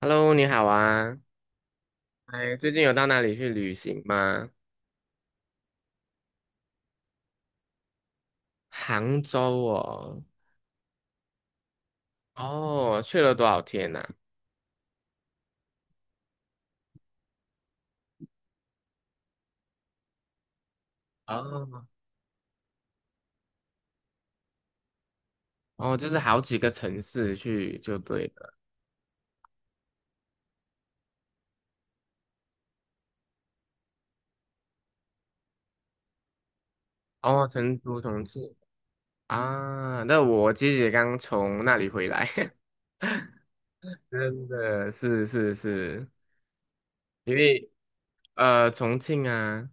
Hello，你好啊！哎，最近有到哪里去旅行吗？杭州哦，哦，去了多少天呐、哦，哦，就是好几个城市去就对了。哦，成都、重庆啊，那我姐姐刚从那里回来，真的是是是，因为重庆啊，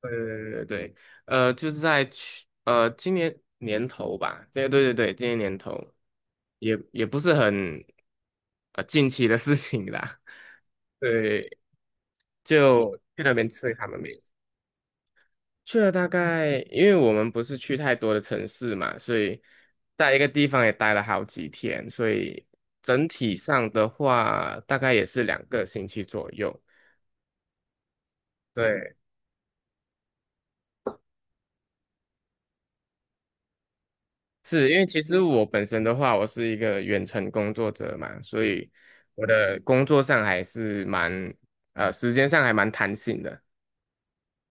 对对对对，就是在去今年年头吧，对对对对，今年年头也不是很近期的事情啦，对，就去那边吃他们美食，去了大概，因为我们不是去太多的城市嘛，所以在一个地方也待了好几天，所以整体上的话大概也是2个星期左右，对，是因为其实我本身的话，我是一个远程工作者嘛，所以我的工作上还是蛮时间上还蛮弹性的，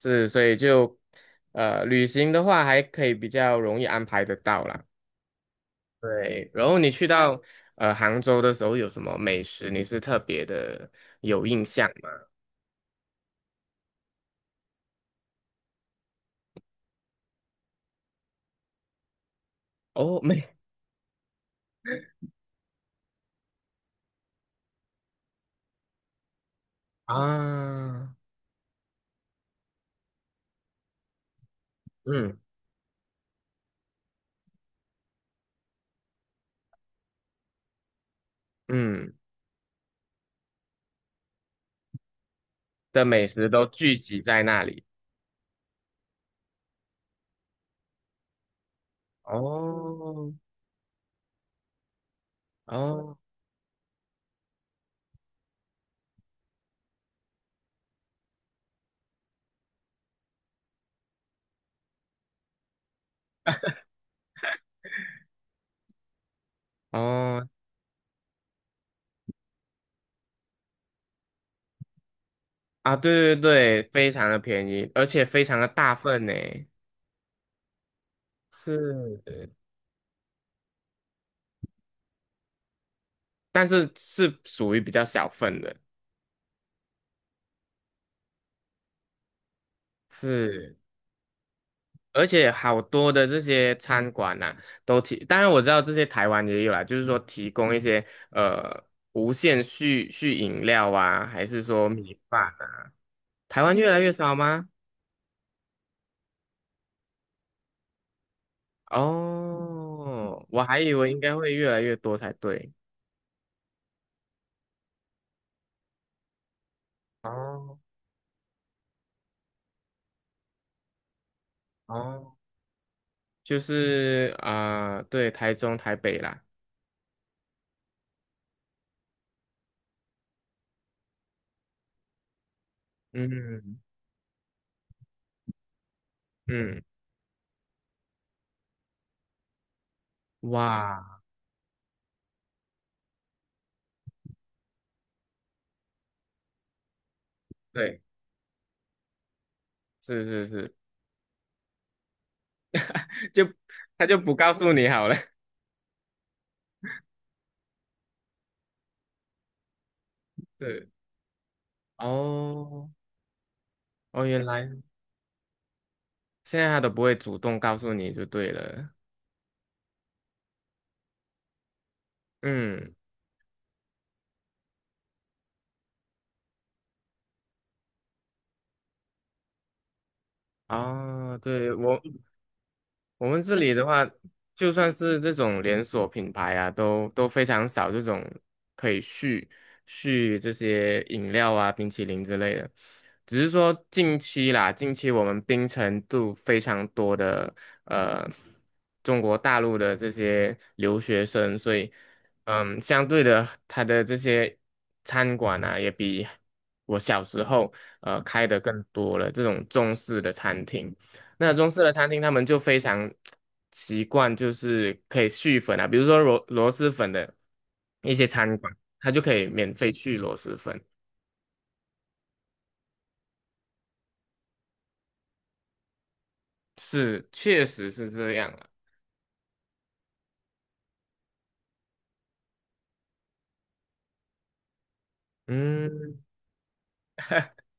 是所以就旅行的话还可以比较容易安排得到啦。对，然后你去到杭州的时候有什么美食你是特别的有印象吗？哦，美啊，嗯嗯的美食都聚集在那里。哦哦。哦，啊，对对对，非常的便宜，而且非常的大份呢，是，但是是属于比较小份的，是，而且好多的这些餐馆呐、都提，当然我知道这些台湾也有啦，就是说提供一些呃无限续饮料啊，还是说米饭啊，台湾越来越少吗？哦，我还以为应该会越来越多才对。哦哦，就是啊、对，台中、台北啦。嗯嗯，哇，对，是是是，就他就不告诉你好了，是哦哦，原来现在他都不会主动告诉你就对了，嗯，哦，对我我们这里的话，就算是这种连锁品牌啊，都非常少这种可以续续这些饮料啊、冰淇淋之类的。只是说近期啦，近期我们槟城度非常多的呃中国大陆的这些留学生，所以嗯，相对的，它的这些餐馆啊，也比我小时候开的更多了，这种中式的餐厅。那中式的餐厅他们就非常习惯，就是可以续粉啊，比如说螺蛳粉的一些餐馆，它就可以免费续螺蛳粉。是，确实是这样了。嗯，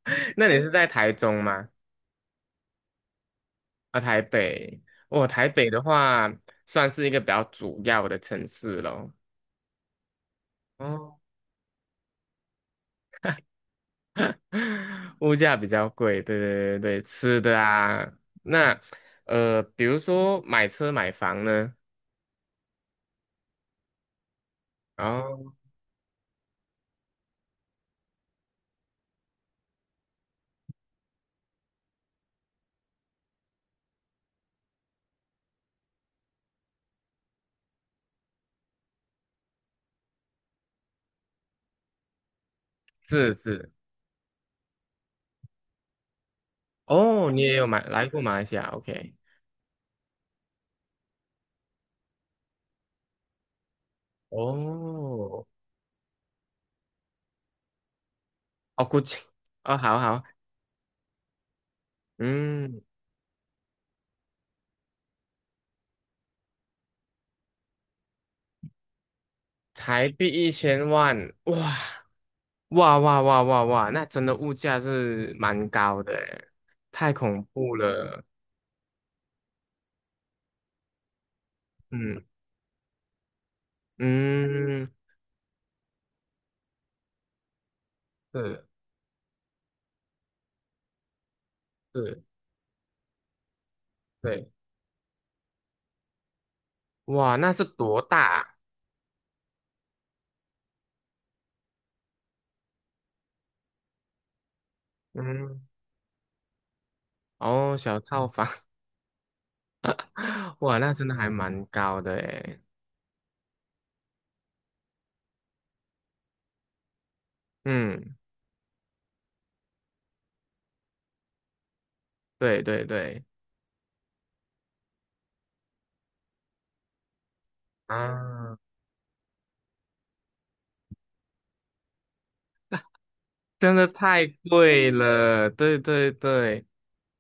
那你是在台中吗？啊，台北。哦，台北的话算是一个比较主要的城市咯。哦，物价比较贵，对对对对，吃的啊，那比如说买车买房呢，哦，是是。哦，你也有买来过马来西亚？OK，哦，哦，估计，哦，好好，嗯，台币1000万，哇，哇哇哇哇哇，那真的物价是蛮高的诶，太恐怖了，嗯嗯，是是，对，哇，那是多大啊嗯，哦，小套房，哇，那真的还蛮高的诶，嗯，对对对，啊。真的太贵了，对对对，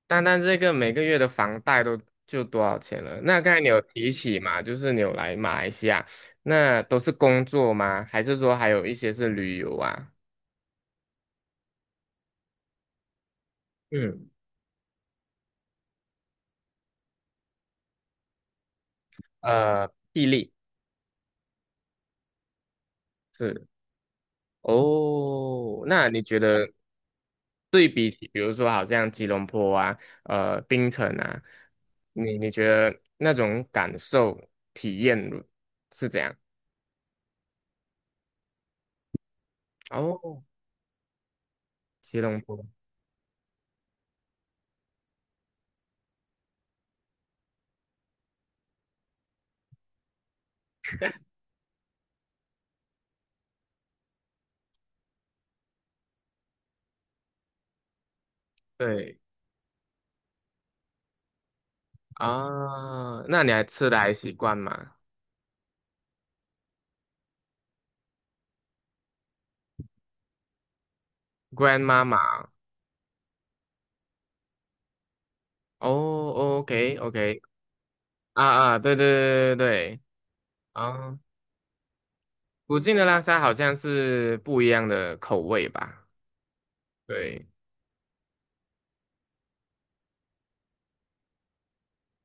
单单这个每个月的房贷都就多少钱了？那刚才你有提起嘛，就是你有来马来西亚，那都是工作吗？还是说还有一些是旅游啊？嗯，呃，毅力是哦，那你觉得对比起比如说好像吉隆坡啊，槟城啊，你觉得那种感受体验是怎样？哦，吉隆坡，对。啊，那你还吃的还习惯吗？Grandma 嘛，哦，OK OK，啊啊，对对对对对，啊，附近的拉萨好像是不一样的口味吧？对。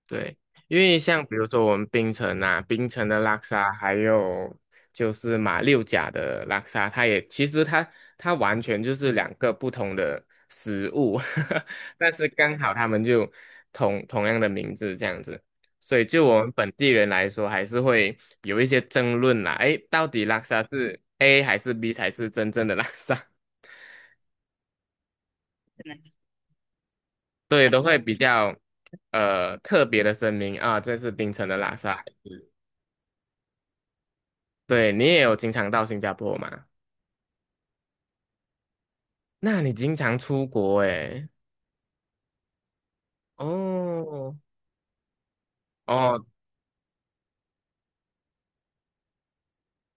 对，因为像比如说我们槟城啊，槟城的拉沙，还有就是马六甲的拉沙，它也其实它完全就是两个不同的食物，但是刚好他们就同样的名字这样子，所以就我们本地人来说，还是会有一些争论啦，诶，到底拉沙是 A 还是 B 才是真正的拉沙？对，都会比较特别的声明啊，这是槟城的拉沙。对，你也有经常到新加坡嘛？那你经常出国诶？哦哦，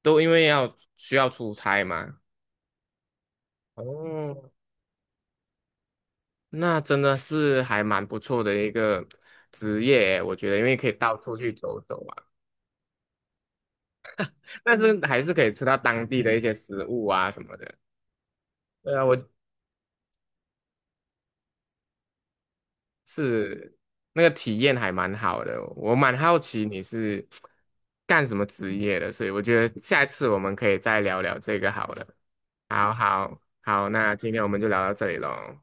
都因为要需要出差嘛。哦，那真的是还蛮不错的一个职业诶我觉得，因为可以到处去走走啊，但是还是可以吃到当地的一些食物啊什么的。对啊，我是那个体验还蛮好的，我蛮好奇你是干什么职业的，所以我觉得下一次我们可以再聊聊这个好了。好好好，那今天我们就聊到这里喽。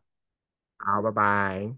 好，拜拜。